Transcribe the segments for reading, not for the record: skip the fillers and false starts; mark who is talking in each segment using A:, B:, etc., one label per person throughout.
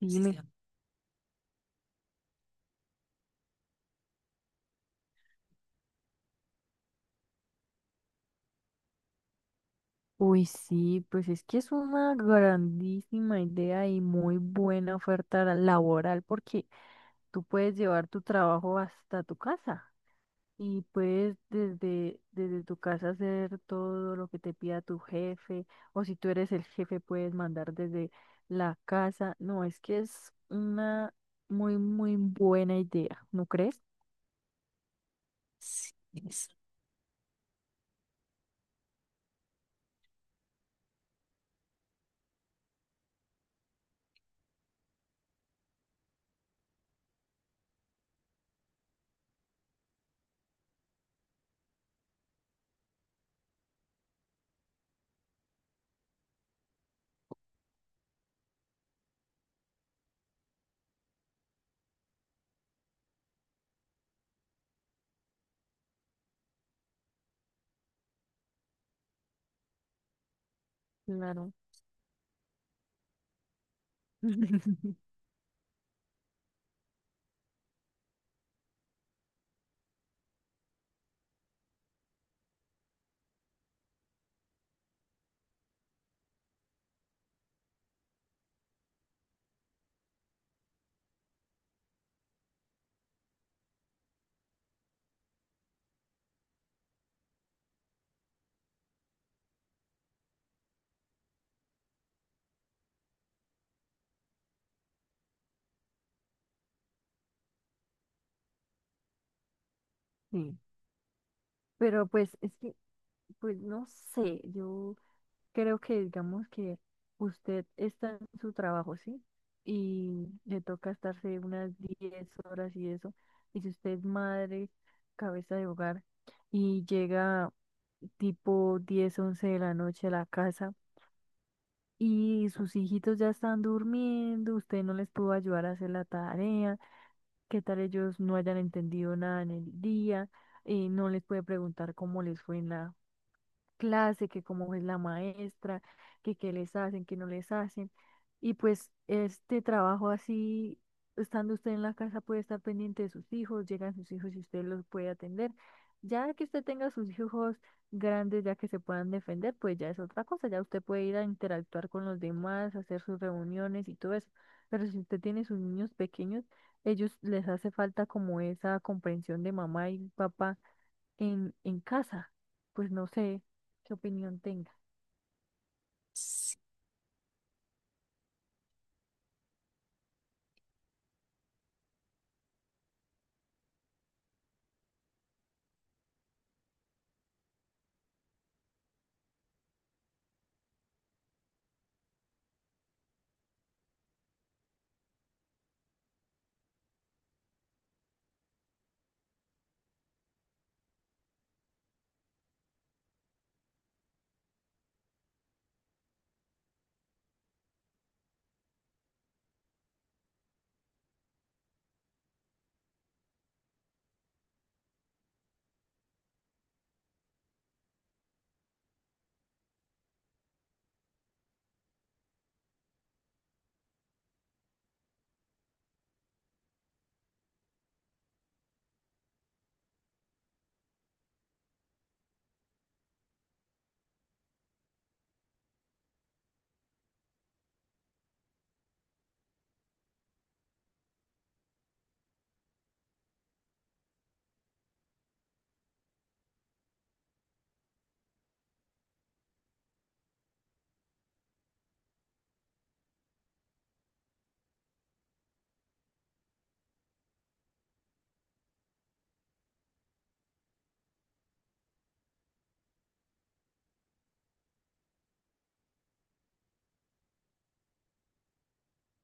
A: Me Uy, sí, pues es que es una grandísima idea y muy buena oferta laboral porque tú puedes llevar tu trabajo hasta tu casa y puedes desde tu casa hacer todo lo que te pida tu jefe, o si tú eres el jefe puedes mandar desde la casa. No, es que es una muy, muy buena idea, ¿no crees? Claro. Sí, pero pues es que, pues no sé, yo creo que digamos que usted está en su trabajo, ¿sí? Y le toca estarse unas 10 horas y eso. Y si usted es madre, cabeza de hogar, y llega tipo 10, 11 de la noche a la casa y sus hijitos ya están durmiendo, usted no les pudo ayudar a hacer la tarea, qué tal ellos no hayan entendido nada en el día, no les puede preguntar cómo les fue en la clase, que cómo es la maestra, que qué les hacen, qué no les hacen. Y pues este trabajo así, estando usted en la casa, puede estar pendiente de sus hijos, llegan sus hijos y usted los puede atender. Ya que usted tenga sus hijos grandes, ya que se puedan defender, pues ya es otra cosa, ya usted puede ir a interactuar con los demás, hacer sus reuniones y todo eso. Pero si usted tiene sus niños pequeños, ellos les hace falta como esa comprensión de mamá y papá en casa. Pues no sé qué opinión tenga.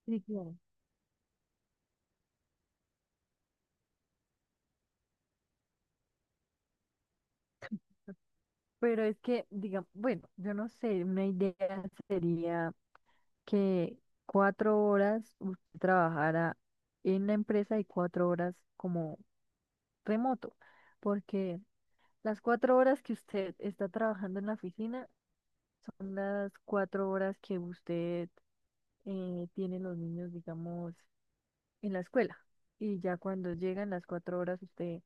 A: Sí, claro. Pero es que, digamos, bueno, yo no sé, una idea sería que 4 horas usted trabajara en la empresa y 4 horas como remoto, porque las 4 horas que usted está trabajando en la oficina son las 4 horas que usted tiene los niños, digamos, en la escuela. Y ya cuando llegan las 4 horas, usted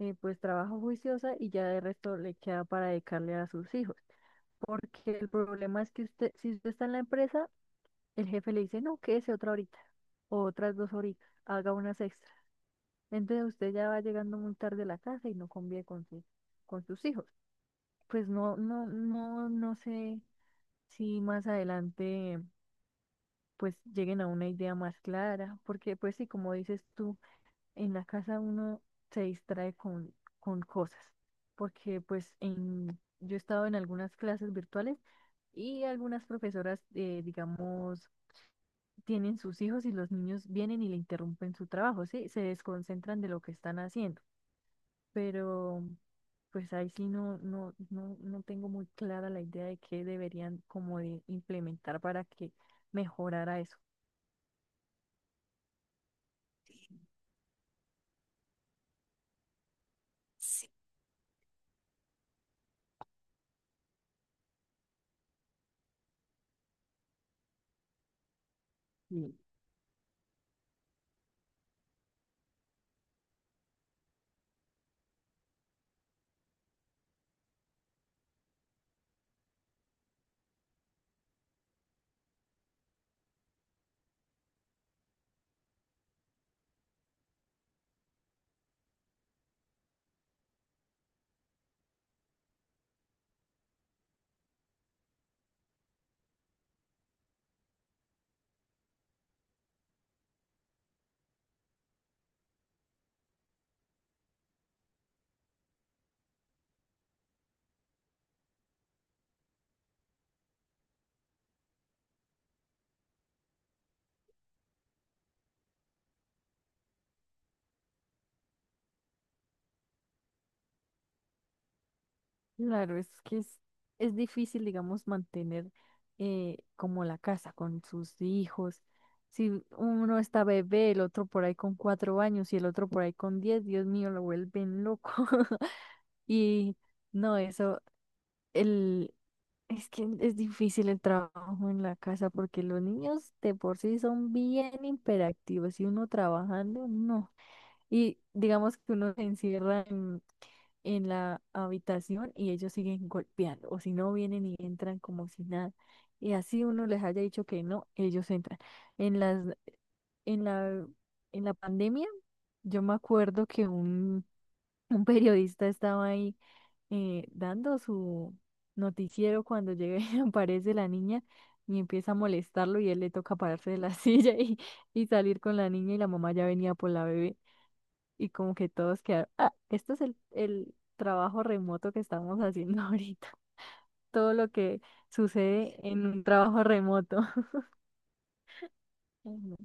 A: eh, pues trabaja juiciosa y ya de resto le queda para dedicarle a sus hijos. Porque el problema es que usted, si usted está en la empresa, el jefe le dice, no, quédese otra horita, o otras 2 horitas, haga unas extras. Entonces usted ya va llegando muy tarde a la casa y no convive con sus hijos. Pues no, no, no, no sé si más adelante pues lleguen a una idea más clara, porque pues sí, como dices tú, en la casa uno se distrae con cosas, porque yo he estado en algunas clases virtuales y algunas profesoras, digamos, tienen sus hijos y los niños vienen y le interrumpen su trabajo, ¿sí? Se desconcentran de lo que están haciendo, pero pues ahí sí no, no, no, no tengo muy clara la idea de qué deberían como de implementar para que mejorara eso. Claro, es que es difícil, digamos, mantener como la casa con sus hijos. Si uno está bebé, el otro por ahí con 4 años y el otro por ahí con 10, Dios mío, lo vuelven loco. Y no, eso, el, es que es difícil el trabajo en la casa porque los niños de por sí son bien hiperactivos y uno trabajando, no. Y digamos que uno se encierra en la habitación y ellos siguen golpeando, o si no vienen y entran como si nada. Y así uno les haya dicho que no, ellos entran. En las, en la, en la pandemia, yo me acuerdo que un, un periodista estaba ahí dando su noticiero cuando llega y aparece la niña y empieza a molestarlo y él le toca pararse de la silla y salir con la niña y la mamá ya venía por la bebé y como que todos quedaron, ah, esto es el trabajo remoto que estamos haciendo ahorita, todo lo que sucede en un trabajo remoto. Ujú.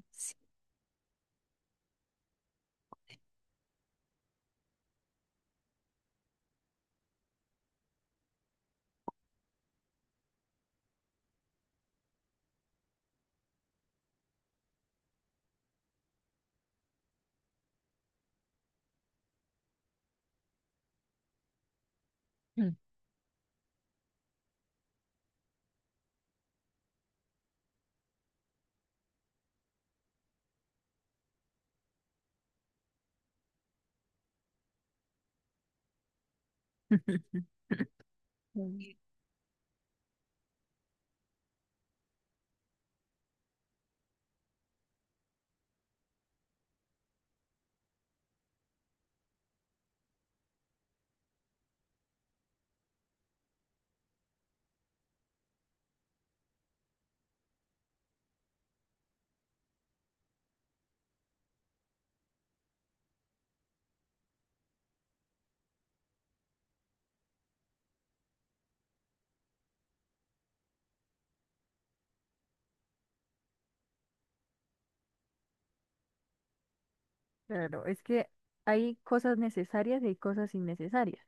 A: Claro, es que hay cosas necesarias y hay cosas innecesarias.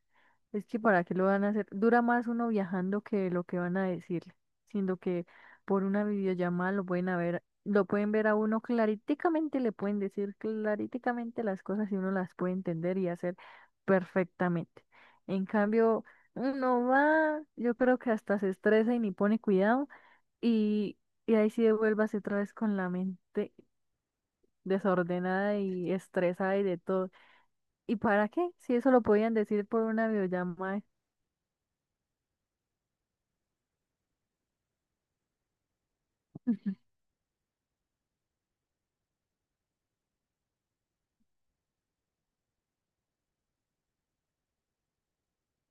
A: Es que para qué lo van a hacer. Dura más uno viajando que lo que van a decir, siendo que por una videollamada lo pueden a ver, lo pueden ver a uno claríticamente, le pueden decir claríticamente las cosas y uno las puede entender y hacer perfectamente. En cambio, uno va, yo creo que hasta se estresa y ni pone cuidado y, y ahí sí devuélvase otra vez con la mente desordenada y estresada y de todo. ¿Y para qué? Si eso lo podían decir por una videollamada.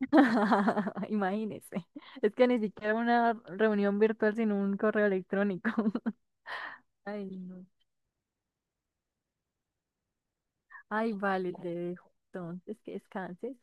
A: Imagínese. Es que ni siquiera una reunión virtual, sino un correo electrónico. Ay, no. Ay, vale, te dejo. Entonces, que descanses.